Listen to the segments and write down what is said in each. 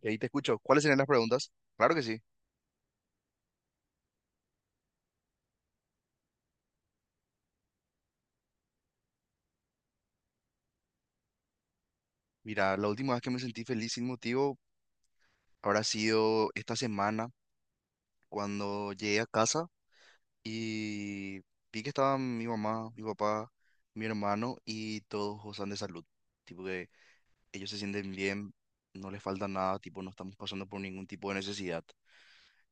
Y ahí te escucho. ¿Cuáles serían las preguntas? Claro que sí. Mira, la última vez que me sentí feliz sin motivo habrá sido esta semana cuando llegué a casa y vi que estaban mi mamá, mi papá, mi hermano y todos gozan de salud. Tipo que ellos se sienten bien, no les falta nada, tipo no estamos pasando por ningún tipo de necesidad.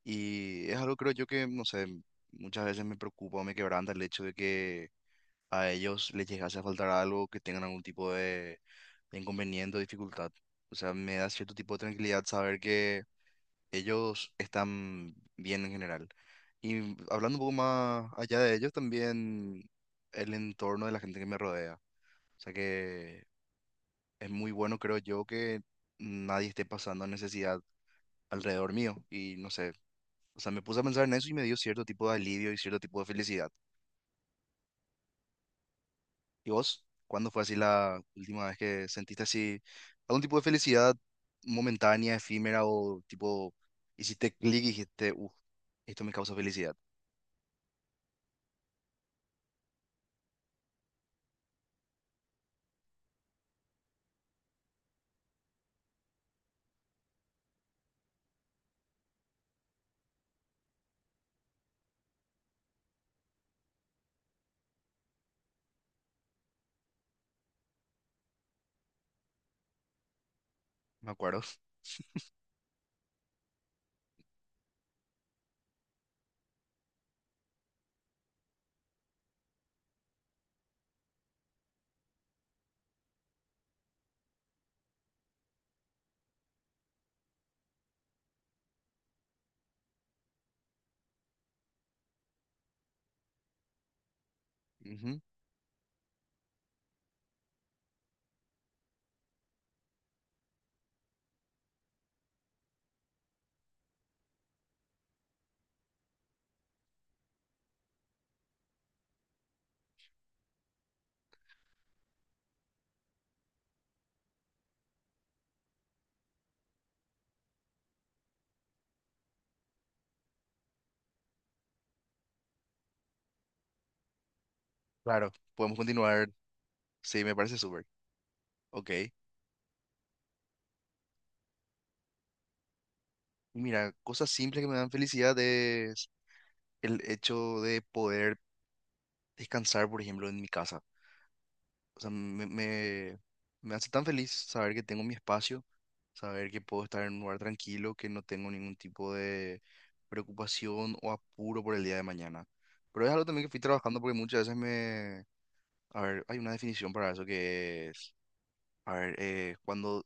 Y es algo creo yo que, no sé, muchas veces me preocupa o me quebranta el hecho de que a ellos les llegase a faltar algo, que tengan algún tipo de inconveniente o dificultad. O sea, me da cierto tipo de tranquilidad saber que ellos están bien en general. Y hablando un poco más allá de ellos, también el entorno de la gente que me rodea. O sea que es muy bueno, creo yo, que nadie esté pasando necesidad alrededor mío. Y no sé, o sea, me puse a pensar en eso y me dio cierto tipo de alivio y cierto tipo de felicidad. ¿Y vos? ¿Cuándo fue así la última vez que sentiste así algún tipo de felicidad momentánea, efímera o tipo hiciste clic y dijiste, uff, esto me causa felicidad? ¿Me acuerdo? Ujú. Claro, podemos continuar. Sí, me parece súper. Ok. Y mira, cosas simples que me dan felicidad es el hecho de poder descansar, por ejemplo, en mi casa. O sea, me hace tan feliz saber que tengo mi espacio, saber que puedo estar en un lugar tranquilo, que no tengo ningún tipo de preocupación o apuro por el día de mañana. Pero es algo también que fui trabajando porque muchas veces me... A ver, hay una definición para eso que es... A ver, cuando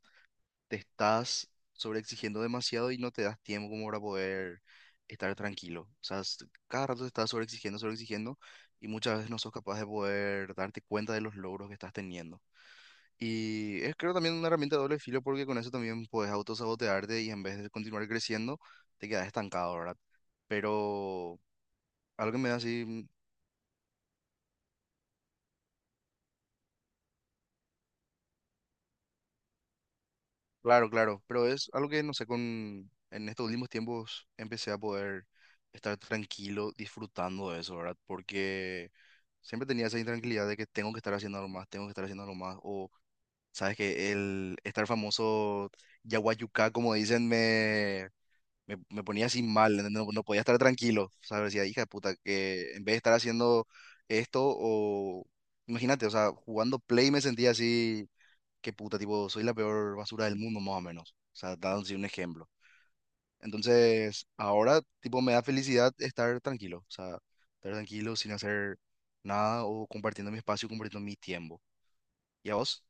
te estás sobreexigiendo demasiado y no te das tiempo como para poder estar tranquilo. O sea, cada rato te estás sobreexigiendo, sobreexigiendo y muchas veces no sos capaz de poder darte cuenta de los logros que estás teniendo. Y es creo también una herramienta de doble filo porque con eso también puedes autosabotearte y en vez de continuar creciendo, te quedas estancado, ¿verdad? Pero algo que me da así, mm, claro, claro, pero es algo que, no sé, con, en estos últimos tiempos empecé a poder estar tranquilo disfrutando de eso, ¿verdad? Porque siempre tenía esa intranquilidad de que tengo que estar haciendo algo más, tengo que estar haciendo algo más, o sabes que el estar famoso Yaguayucá, como dicen, me ponía así mal, ¿entendés? No, no podía estar tranquilo. O sea, decía, hija de puta, que en vez de estar haciendo esto o... Imagínate, o sea, jugando Play me sentía así, que puta, tipo, soy la peor basura del mundo, más o menos. O sea, dando así un ejemplo. Entonces, ahora, tipo, me da felicidad estar tranquilo. O sea, estar tranquilo sin hacer nada o compartiendo mi espacio, compartiendo mi tiempo. ¿Y a vos?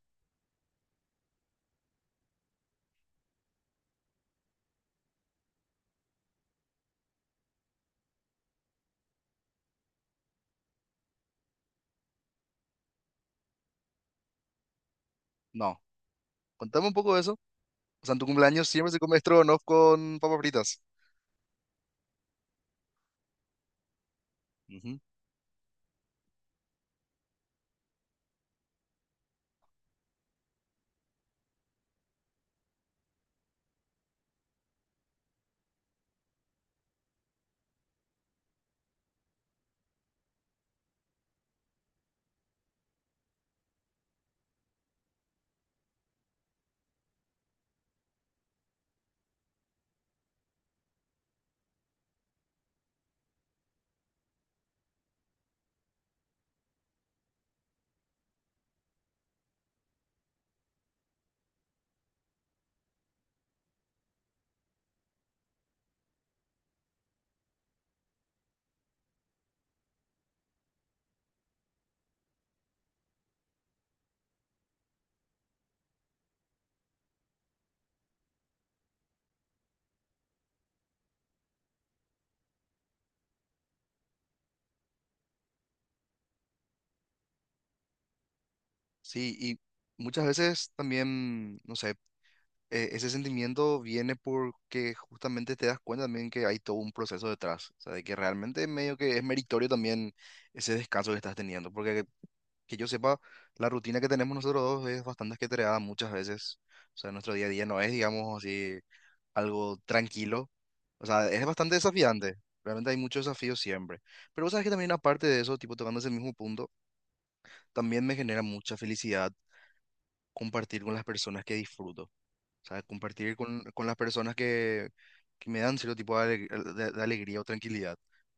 No. Contame un poco de eso. O sea, en tu cumpleaños siempre se come estrogonoff con papas fritas. Ujú. Sí, y muchas veces también, no sé, ese sentimiento viene porque justamente te das cuenta también que hay todo un proceso detrás, o sea, de que realmente medio que es meritorio también ese descanso que estás teniendo, porque que yo sepa, la rutina que tenemos nosotros dos es bastante ajetreada muchas veces, o sea, nuestro día a día no es, digamos así, algo tranquilo, o sea, es bastante desafiante, realmente hay muchos desafíos siempre, pero vos sabes que también aparte de eso, tipo tocando ese mismo punto, también me genera mucha felicidad compartir con las personas que disfruto. O sea, compartir con las personas que me dan cierto tipo de, de alegría o tranquilidad.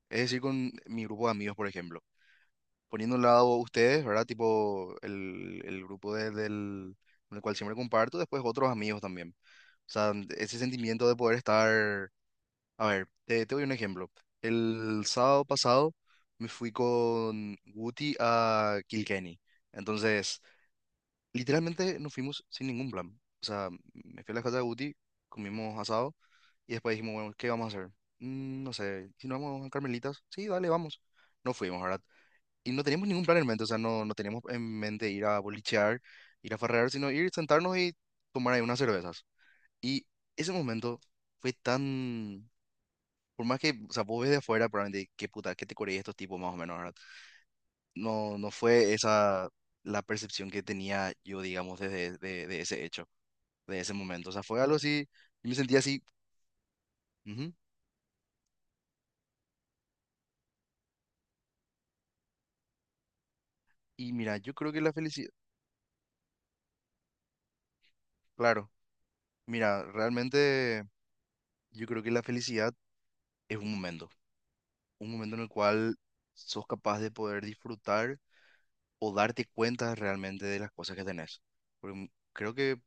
Es decir, con mi grupo de amigos, por ejemplo. Poniendo a un lado ustedes, ¿verdad? Tipo el del, con el cual siempre comparto, después otros amigos también. O sea, ese sentimiento de poder estar... A ver, te doy un ejemplo. El sábado pasado me fui con Guti a Kilkenny. Entonces... Literalmente nos fuimos sin ningún plan. O sea, me fui a la casa de Guti, comimos asado y después dijimos, bueno, ¿qué vamos a hacer? "Mm, no sé, si nos vamos a Carmelitas, sí, dale, vamos. No fuimos, ¿verdad? Y no teníamos ningún plan en mente, o sea, no, no teníamos en mente ir a bolichear, ir a farrear, sino ir, sentarnos y tomar ahí unas cervezas. Y ese momento fue tan... Por más que, o sea, vos ves de afuera, probablemente, qué puta, qué te coreí estos tipos más o menos, ¿verdad? No, no fue esa la percepción que tenía yo, digamos, de ese hecho de ese momento. O sea, fue algo así, y me sentí así. Ujú. Y mira, yo creo que la felicidad, claro, mira, realmente yo creo que la felicidad es un momento en el cual sos capaz de poder disfrutar o darte cuenta realmente de las cosas que tenés. Porque creo que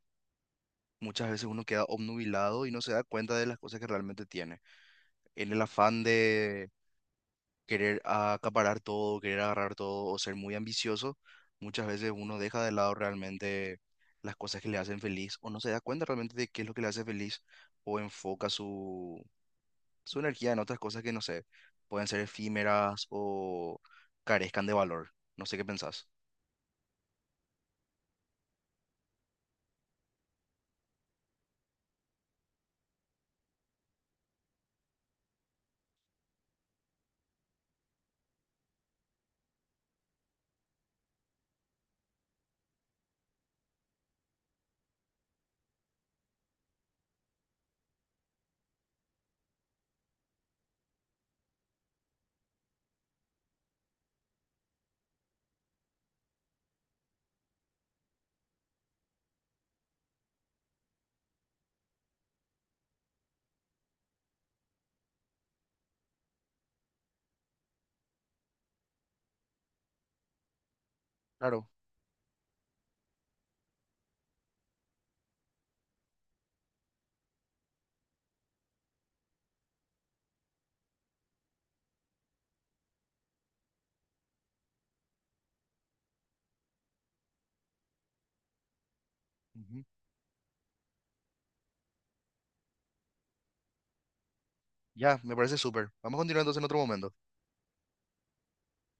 muchas veces uno queda obnubilado y no se da cuenta de las cosas que realmente tiene. En el afán de querer acaparar todo, querer agarrar todo o ser muy ambicioso, muchas veces uno deja de lado realmente las cosas que le hacen feliz o no se da cuenta realmente de qué es lo que le hace feliz o enfoca su, su energía en otras cosas que no sé, pueden ser efímeras o carezcan de valor. No sé qué pensás. Claro. Ujú. Ya, me parece súper. Vamos a continuar entonces en otro momento.